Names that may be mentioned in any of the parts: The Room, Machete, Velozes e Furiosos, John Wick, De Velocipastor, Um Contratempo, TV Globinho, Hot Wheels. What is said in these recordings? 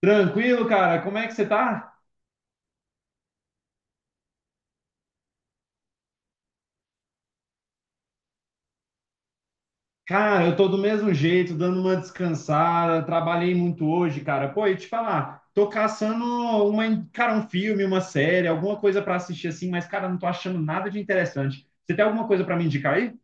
Tranquilo, cara? Como é que você tá? Cara, eu tô do mesmo jeito, dando uma descansada, trabalhei muito hoje, cara. Pô, e te falar, tô caçando uma, cara, um filme, uma série, alguma coisa pra assistir assim, mas, cara, não tô achando nada de interessante. Você tem alguma coisa pra me indicar aí?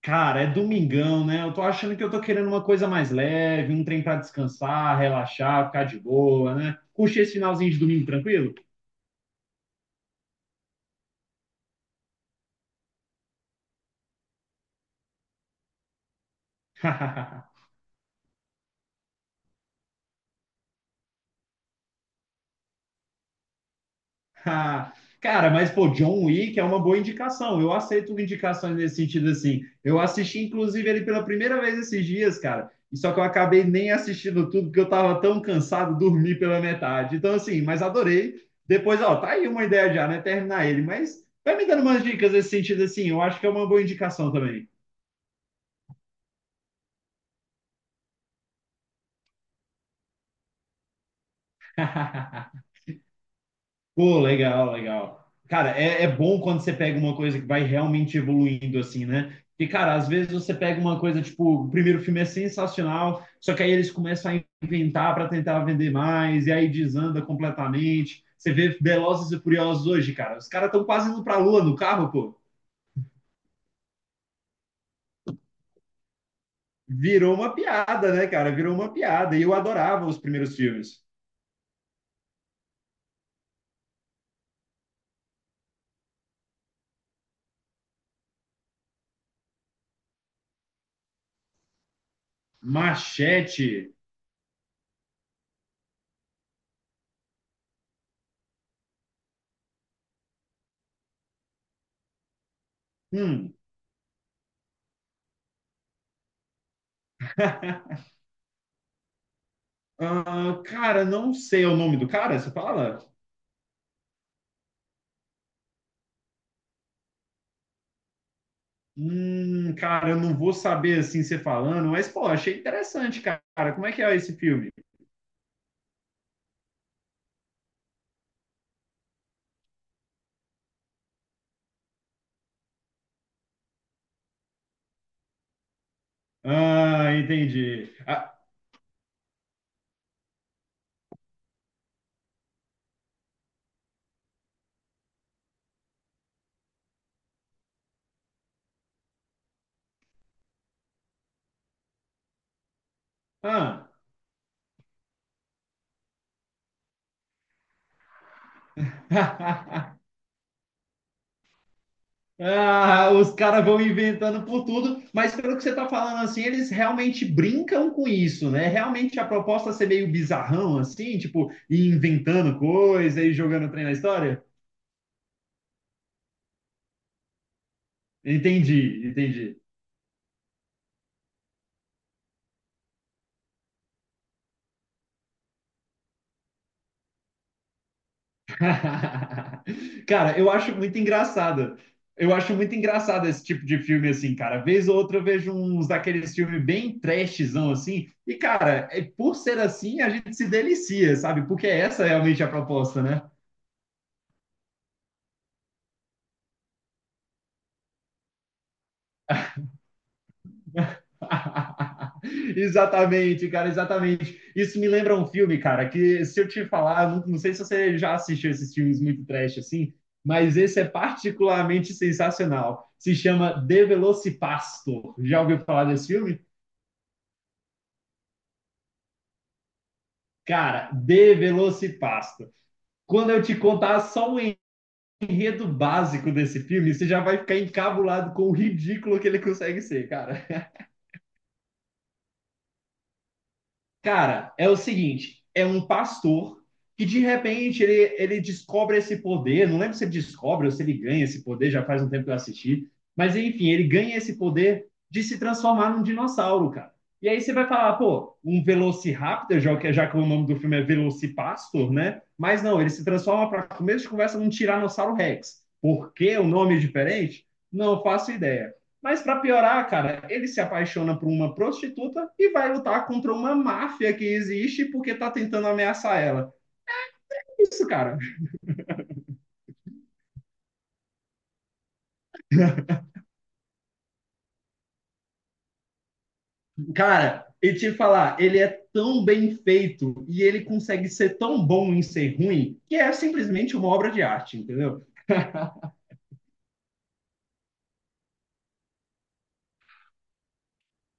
Cara, é domingão, né? Eu tô achando que eu tô querendo uma coisa mais leve, um trem pra descansar, relaxar, ficar de boa, né? Curtir esse finalzinho de domingo tranquilo? Ah, cara, mas pô, John Wick é uma boa indicação. Eu aceito indicações nesse sentido assim. Eu assisti inclusive ele pela primeira vez esses dias, cara. E só que eu acabei nem assistindo tudo porque eu tava tão cansado, dormi pela metade. Então assim, mas adorei. Depois, ó, tá aí uma ideia já, né? Terminar ele, mas vai me dando umas dicas nesse sentido assim. Eu acho que é uma boa indicação também. Pô, legal, legal. Cara, é, é bom quando você pega uma coisa que vai realmente evoluindo, assim, né? Porque, cara, às vezes você pega uma coisa, tipo, o primeiro filme é sensacional, só que aí eles começam a inventar para tentar vender mais, e aí desanda completamente. Você vê Velozes e Furiosos hoje, cara, os caras estão quase indo pra lua no carro, pô. Virou uma piada, né, cara? Virou uma piada. E eu adorava os primeiros filmes. Machete. Hum. Ah, cara, não sei o nome do cara, você fala? Cara, eu não vou saber assim você falando, mas pô, achei interessante, cara. Como é que é esse filme? Ah, entendi. Ah. Ah, os caras vão inventando por tudo, mas pelo que você tá falando assim, eles realmente brincam com isso, né? Realmente a proposta é ser meio bizarrão assim, tipo, ir inventando coisa e jogando trem na história? Entendi, entendi. Cara, eu acho muito engraçado. Eu acho muito engraçado esse tipo de filme, assim, cara. Vez ou outra eu vejo uns daqueles filmes bem trashzão, assim. E, cara, é, por ser assim, a gente se delicia, sabe? Porque essa é realmente a proposta, né? Exatamente, cara, exatamente. Isso me lembra um filme, cara, que se eu te falar, não, não sei se você já assistiu esses filmes muito trash assim, mas esse é particularmente sensacional. Se chama De Velocipastor. Já ouviu falar desse filme? Cara, De Velocipastor. Quando eu te contar só o enredo básico desse filme, você já vai ficar encabulado com o ridículo que ele consegue ser, cara. Cara, é o seguinte, é um pastor que de repente ele descobre esse poder, não lembro se ele descobre ou se ele ganha esse poder, já faz um tempo que eu assisti, mas enfim, ele ganha esse poder de se transformar num dinossauro, cara. E aí você vai falar, pô, um Velociraptor, já que o nome do filme é Velocipastor, né? Mas não, ele se transforma para começo de conversa num Tiranossauro Rex. Por que o nome é diferente? Não faço ideia. Mas para piorar, cara, ele se apaixona por uma prostituta e vai lutar contra uma máfia que existe porque tá tentando ameaçar ela. Isso, cara. Cara, e te falar, ele é tão bem feito e ele consegue ser tão bom em ser ruim que é simplesmente uma obra de arte, entendeu?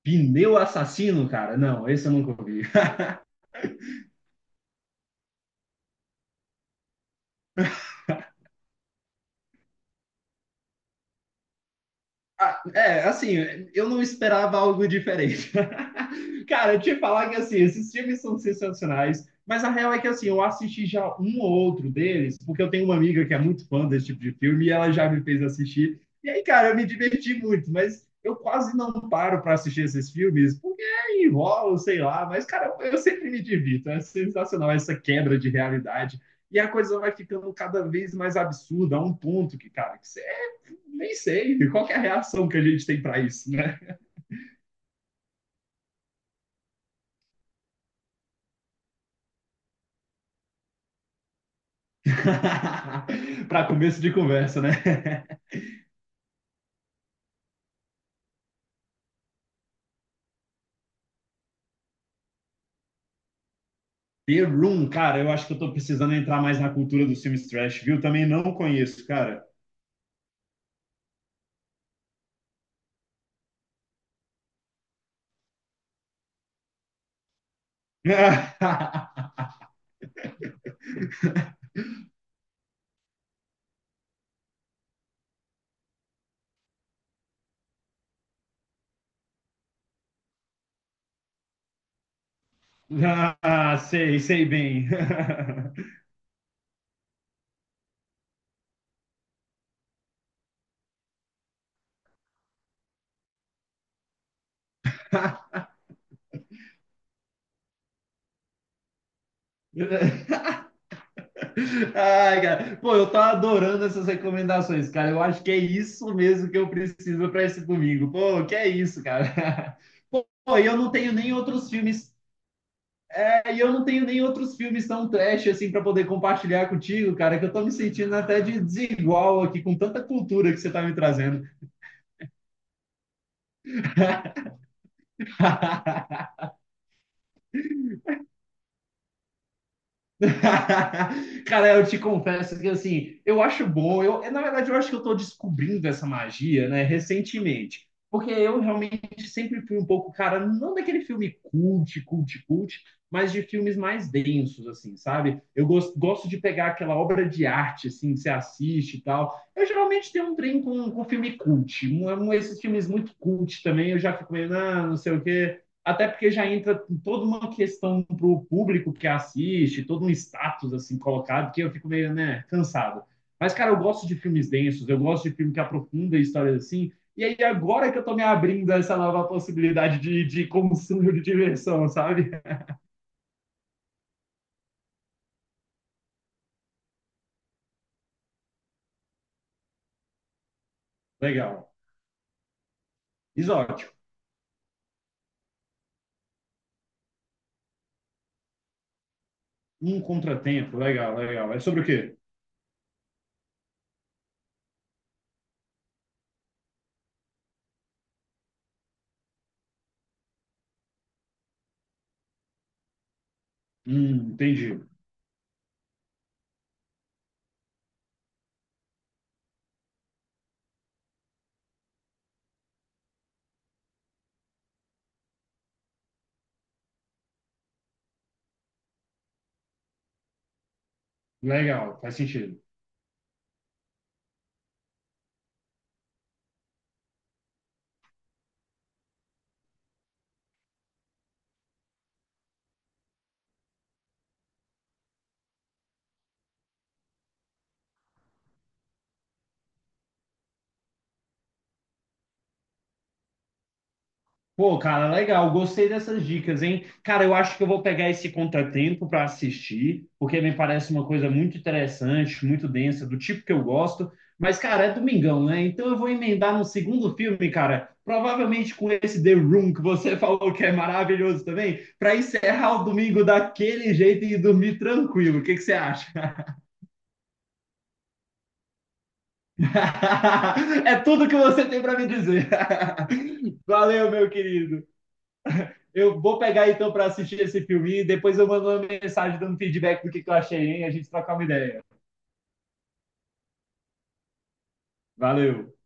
Pneu assassino, cara? Não, esse eu nunca vi. Ah, é, assim, eu não esperava algo diferente. Cara, eu te falar que, assim, esses filmes são sensacionais, mas a real é que, assim, eu assisti já um ou outro deles, porque eu tenho uma amiga que é muito fã desse tipo de filme e ela já me fez assistir. E aí, cara, eu me diverti muito, mas eu quase não paro para assistir esses filmes, porque é, enrola, sei lá, mas, cara, eu sempre me divirto. É sensacional essa quebra de realidade. E a coisa vai ficando cada vez mais absurda, a um ponto que, cara, que você nem sei qual que é a reação que a gente tem para isso, né? Para começo de conversa, né? The Room, cara, eu acho que eu tô precisando entrar mais na cultura dos filmes trash, viu? Também não conheço, cara. Ah, sei, sei bem. Ai, cara. Pô, eu tô adorando essas recomendações, cara. Eu acho que é isso mesmo que eu preciso para esse domingo. Pô, que é isso, cara. Pô, e eu não tenho nem outros filmes aí Eu não tenho nem outros filmes tão trash assim para poder compartilhar contigo, cara, que eu tô me sentindo até de desigual aqui com tanta cultura que você tá me trazendo. Cara, eu te confesso que assim, eu acho bom. Eu, na verdade, eu acho que eu estou descobrindo essa magia, né, recentemente. Porque eu realmente sempre fui um pouco, cara, não daquele filme cult, mas de filmes mais densos, assim, sabe? Eu gosto, gosto de pegar aquela obra de arte, assim, que você assiste e tal. Eu geralmente tenho um trem com filme cult. Esses filmes muito cult também, eu já fico meio, ah, não sei o quê até porque já entra toda uma questão para o público que assiste, todo um status assim colocado, que eu fico meio né, cansado. Mas, cara, eu gosto de filmes densos, eu gosto de filme que aprofunda histórias assim. E aí, agora que eu tô me abrindo a essa nova possibilidade de consumo de diversão, sabe? Legal. Exótico. Um contratempo, legal, legal. É sobre o quê? Entendi. Legal, faz sentido. Pô, cara, legal, gostei dessas dicas, hein? Cara, eu acho que eu vou pegar esse contratempo para assistir, porque me parece uma coisa muito interessante, muito densa, do tipo que eu gosto. Mas, cara, é domingão, né? Então eu vou emendar no segundo filme, cara, provavelmente com esse The Room que você falou que é maravilhoso também, para encerrar o domingo daquele jeito e dormir tranquilo. O que que você acha? É tudo que você tem para me dizer. Valeu, meu querido. Eu vou pegar então para assistir esse filme e depois eu mando uma mensagem dando feedback do que eu achei, hein? A gente troca uma ideia. Valeu!